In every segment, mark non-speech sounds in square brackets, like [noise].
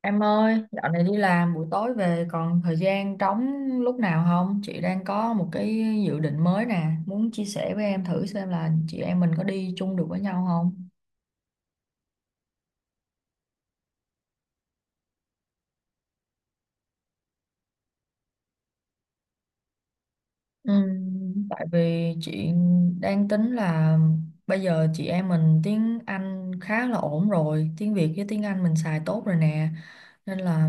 Em ơi, dạo này đi làm buổi tối về còn thời gian trống lúc nào không? Chị đang có một cái dự định mới nè, muốn chia sẻ với em thử xem là chị em mình có đi chung được với nhau không? Tại vì chị đang tính là bây giờ chị em mình tiếng Anh khá là ổn rồi, tiếng Việt với tiếng Anh mình xài tốt rồi nè. Nên là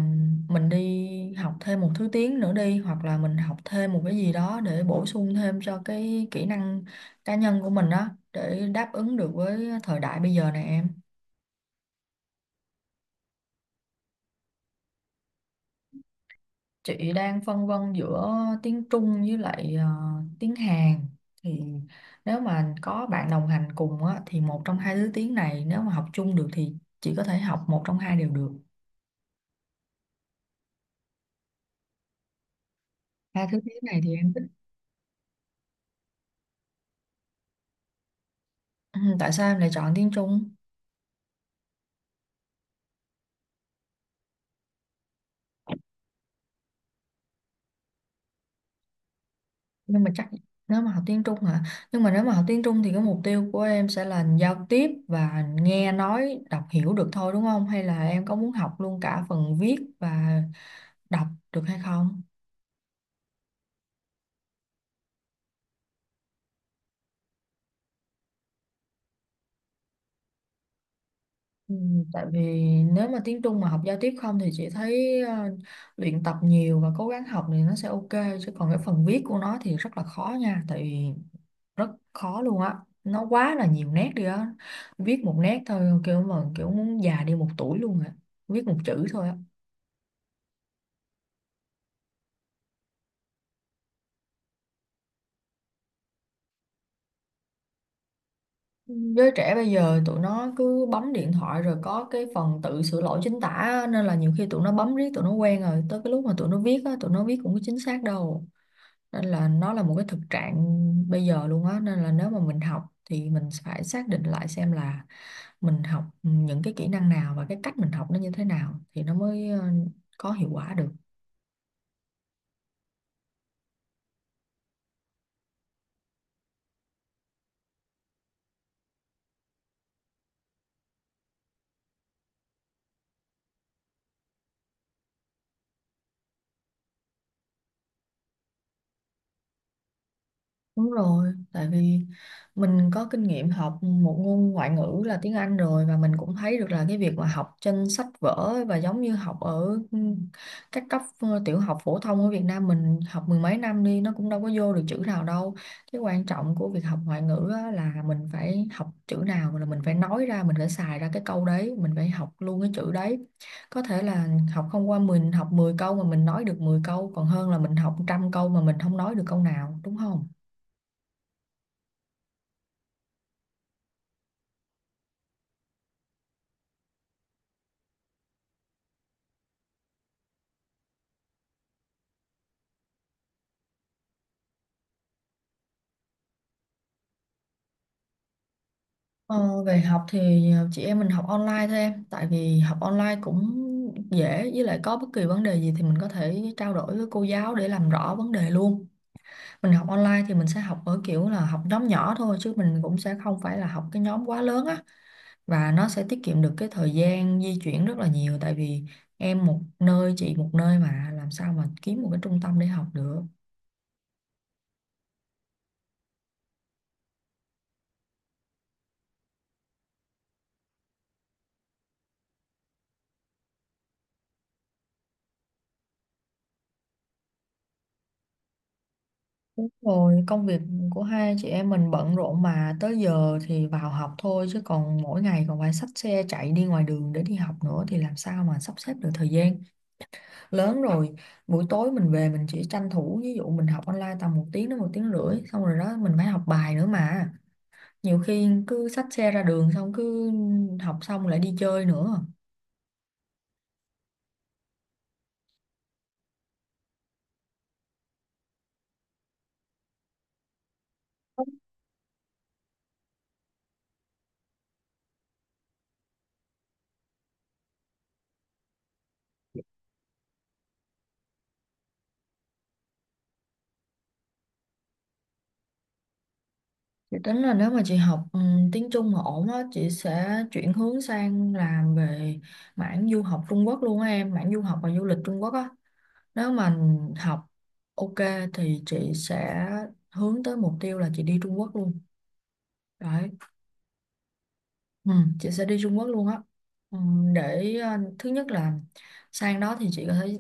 mình đi học thêm một thứ tiếng nữa đi hoặc là mình học thêm một cái gì đó để bổ sung thêm cho cái kỹ năng cá nhân của mình đó để đáp ứng được với thời đại bây giờ nè em. Chị đang phân vân giữa tiếng Trung với lại tiếng Hàn thì nếu mà có bạn đồng hành cùng á, thì một trong hai thứ tiếng này nếu mà học chung được thì chị có thể học một trong hai đều được. Hai thứ tiếng này thì em thích? Ừ, tại sao em lại chọn tiếng Trung? Nhưng mà chắc nếu mà học tiếng Trung hả, nhưng mà nếu mà học tiếng Trung thì cái mục tiêu của em sẽ là giao tiếp và nghe nói đọc hiểu được thôi đúng không, hay là em có muốn học luôn cả phần viết và đọc được hay không? Ừ, tại vì nếu mà tiếng Trung mà học giao tiếp không thì chị thấy luyện tập nhiều và cố gắng học thì nó sẽ ok, chứ còn cái phần viết của nó thì rất là khó nha, tại vì rất khó luôn á, nó quá là nhiều nét đi á, viết một nét thôi kiểu mà kiểu muốn già đi một tuổi luôn á, viết một chữ thôi á. Giới trẻ bây giờ tụi nó cứ bấm điện thoại rồi có cái phần tự sửa lỗi chính tả á, nên là nhiều khi tụi nó bấm riết tụi nó quen rồi tới cái lúc mà tụi nó viết á tụi nó viết cũng có chính xác đâu, nên là nó là một cái thực trạng bây giờ luôn á, nên là nếu mà mình học thì mình phải xác định lại xem là mình học những cái kỹ năng nào và cái cách mình học nó như thế nào thì nó mới có hiệu quả được. Đúng rồi, tại vì mình có kinh nghiệm học một ngôn ngoại ngữ là tiếng Anh rồi và mình cũng thấy được là cái việc mà học trên sách vở và giống như học ở các cấp tiểu học phổ thông ở Việt Nam mình học mười mấy năm đi nó cũng đâu có vô được chữ nào đâu. Cái quan trọng của việc học ngoại ngữ á là mình phải học chữ nào là mình phải nói ra, mình phải xài ra cái câu đấy, mình phải học luôn cái chữ đấy. Có thể là học không qua, mình học 10 câu mà mình nói được 10 câu còn hơn là mình học trăm câu mà mình không nói được câu nào, đúng không? Ờ, về học thì chị em mình học online thôi em, tại vì học online cũng dễ, với lại có bất kỳ vấn đề gì thì mình có thể trao đổi với cô giáo để làm rõ vấn đề luôn. Mình học online thì mình sẽ học ở kiểu là học nhóm nhỏ thôi chứ mình cũng sẽ không phải là học cái nhóm quá lớn á, và nó sẽ tiết kiệm được cái thời gian di chuyển rất là nhiều, tại vì em một nơi chị một nơi mà làm sao mà kiếm một cái trung tâm để học được. Đúng rồi, công việc của hai chị em mình bận rộn mà tới giờ thì vào học thôi chứ còn mỗi ngày còn phải xách xe chạy đi ngoài đường để đi học nữa thì làm sao mà sắp xếp được thời gian. Lớn rồi, buổi tối mình về mình chỉ tranh thủ, ví dụ mình học online tầm một tiếng đến một tiếng rưỡi xong rồi đó mình phải học bài nữa mà. Nhiều khi cứ xách xe ra đường xong cứ học xong lại đi chơi nữa. Chị tính là nếu mà chị học tiếng Trung mà ổn á, chị sẽ chuyển hướng sang làm về mảng du học Trung Quốc luôn á em, mảng du học và du lịch Trung Quốc á. Nếu mà học ok thì chị sẽ hướng tới mục tiêu là chị đi Trung Quốc luôn. Đấy, ừ, chị sẽ đi Trung Quốc luôn á. Ừ, thứ nhất là sang đó thì chị có thể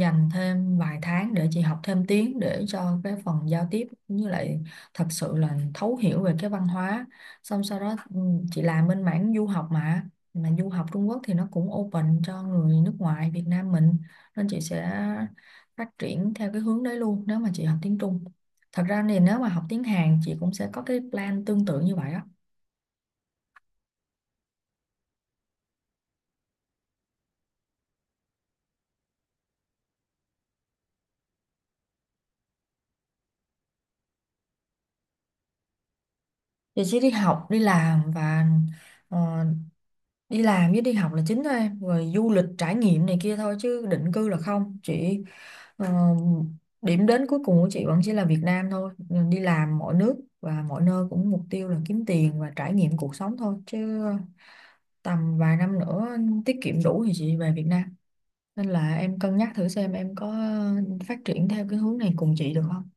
dành thêm vài tháng để chị học thêm tiếng để cho cái phần giao tiếp cũng như lại thật sự là thấu hiểu về cái văn hóa, xong sau đó chị làm bên mảng du học mà du học Trung Quốc thì nó cũng open cho người nước ngoài Việt Nam mình nên chị sẽ phát triển theo cái hướng đấy luôn nếu mà chị học tiếng Trung. Thật ra thì nếu mà học tiếng Hàn chị cũng sẽ có cái plan tương tự như vậy á. Thì chị chỉ đi học đi làm và ờ, đi làm với đi học là chính thôi em, rồi du lịch trải nghiệm này kia thôi chứ định cư là không chị. ờ, Điểm đến cuối cùng của chị vẫn chỉ là Việt Nam thôi. Ờ, đi làm mọi nước và mọi nơi cũng mục tiêu là kiếm tiền và trải nghiệm cuộc sống thôi, chứ tầm vài năm nữa tiết kiệm đủ thì chị về Việt Nam. Nên là em cân nhắc thử xem em có phát triển theo cái hướng này cùng chị được không?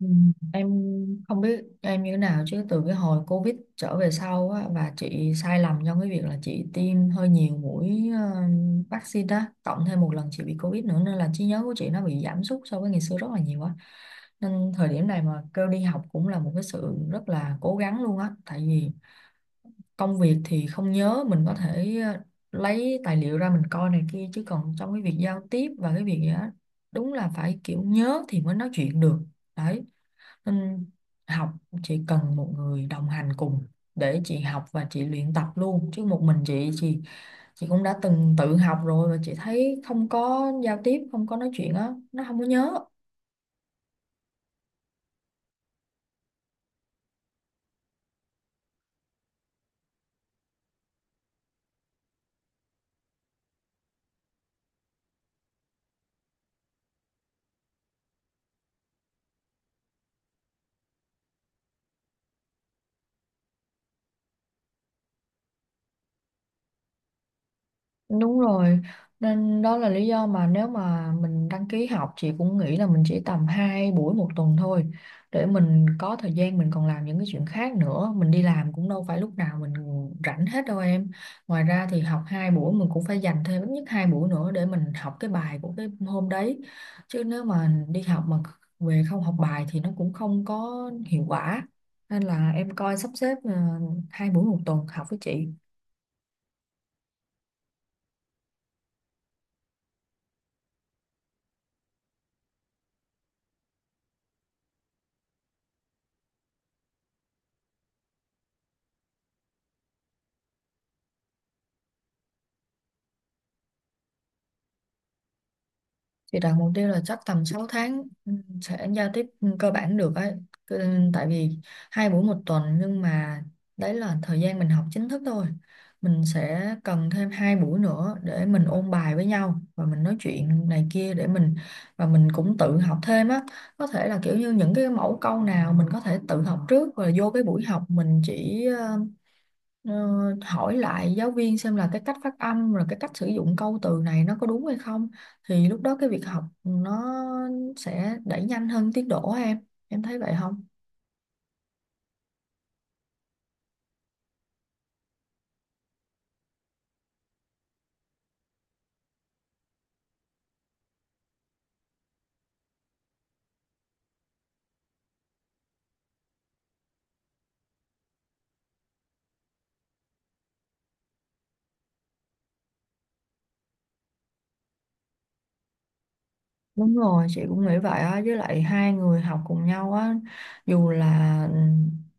Ừ, Em không biết em như thế nào chứ từ cái hồi Covid trở về sau á, và chị sai lầm trong cái việc là chị tiêm hơi nhiều mũi vaccine đó, cộng thêm một lần chị bị Covid nữa nên là trí nhớ của chị nó bị giảm sút so với ngày xưa rất là nhiều á, nên thời điểm này mà kêu đi học cũng là một cái sự rất là cố gắng luôn á, tại vì công việc thì không nhớ mình có thể lấy tài liệu ra mình coi này kia, chứ còn trong cái việc giao tiếp và cái việc gì á đúng là phải kiểu nhớ thì mới nói chuyện được, đấy, nên học chỉ cần một người đồng hành cùng để chị học và chị luyện tập luôn, chứ một mình chị cũng đã từng tự học rồi và chị thấy không có giao tiếp không có nói chuyện á nó không có nhớ. Đúng rồi, nên đó là lý do mà nếu mà mình đăng ký học chị cũng nghĩ là mình chỉ tầm 2 buổi một tuần thôi, để mình có thời gian mình còn làm những cái chuyện khác nữa, mình đi làm cũng đâu phải lúc nào mình rảnh hết đâu em. Ngoài ra thì học 2 buổi mình cũng phải dành thêm ít nhất 2 buổi nữa để mình học cái bài của cái hôm đấy. Chứ nếu mà đi học mà về không học bài thì nó cũng không có hiệu quả. Nên là em coi sắp xếp 2 buổi một tuần học với chị. Thì đặt mục tiêu là chắc tầm 6 tháng sẽ giao tiếp cơ bản được ấy. Cứ- ừ, Tại vì hai buổi một tuần nhưng mà đấy là thời gian mình học chính thức thôi. Mình sẽ cần thêm hai buổi nữa để mình ôn bài với nhau và mình nói chuyện này kia để mình, và mình cũng tự học thêm á. Có thể là kiểu như những cái mẫu câu nào mình có thể tự học trước rồi vô cái buổi học mình chỉ Ờ, hỏi lại giáo viên xem là cái cách phát âm rồi cái cách sử dụng câu từ này nó có đúng hay không, thì lúc đó cái việc học nó sẽ đẩy nhanh hơn tiến độ á em thấy vậy không? Đúng rồi, chị cũng nghĩ vậy á, với lại hai người học cùng nhau á dù là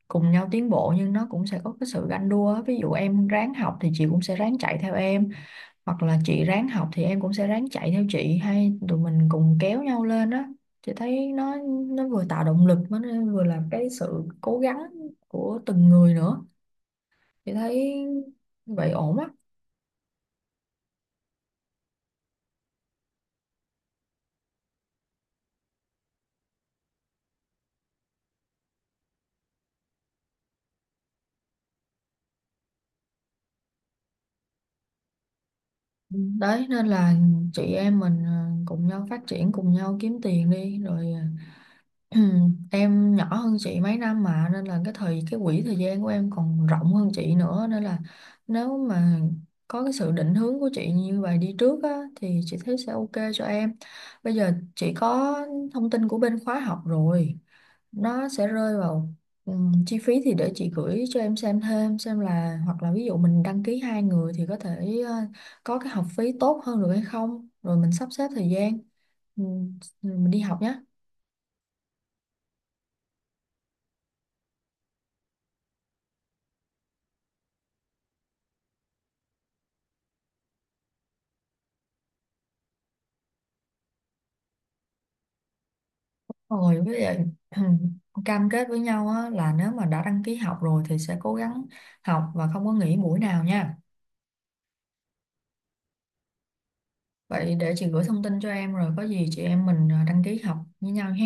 cùng nhau tiến bộ nhưng nó cũng sẽ có cái sự ganh đua á. Ví dụ em ráng học thì chị cũng sẽ ráng chạy theo em, hoặc là chị ráng học thì em cũng sẽ ráng chạy theo chị, hay tụi mình cùng kéo nhau lên đó, chị thấy nó vừa tạo động lực mà nó vừa là cái sự cố gắng của từng người nữa, chị thấy vậy ổn á. Ừ. Đấy nên là chị em mình cùng nhau phát triển cùng nhau kiếm tiền đi rồi [clears throat] Ừ, em nhỏ hơn chị mấy năm mà, nên là cái thời cái quỹ thời gian của em còn rộng hơn chị nữa, nên là nếu mà có cái sự định hướng của chị như vậy đi trước á, thì chị thấy sẽ ok cho em. Bây giờ chị có thông tin của bên khóa học rồi, nó sẽ rơi vào chi phí, thì để chị gửi cho em xem thêm xem là hoặc là ví dụ mình đăng ký hai người thì có thể có cái học phí tốt hơn được hay không, rồi mình sắp xếp thời gian ừm, mình đi học nhé. Rồi với lại [clears throat] cam kết với nhau á, là nếu mà đã đăng ký học rồi thì sẽ cố gắng học và không có nghỉ buổi nào nha. Vậy để chị gửi thông tin cho em rồi có gì chị em mình đăng ký học với nhau ha.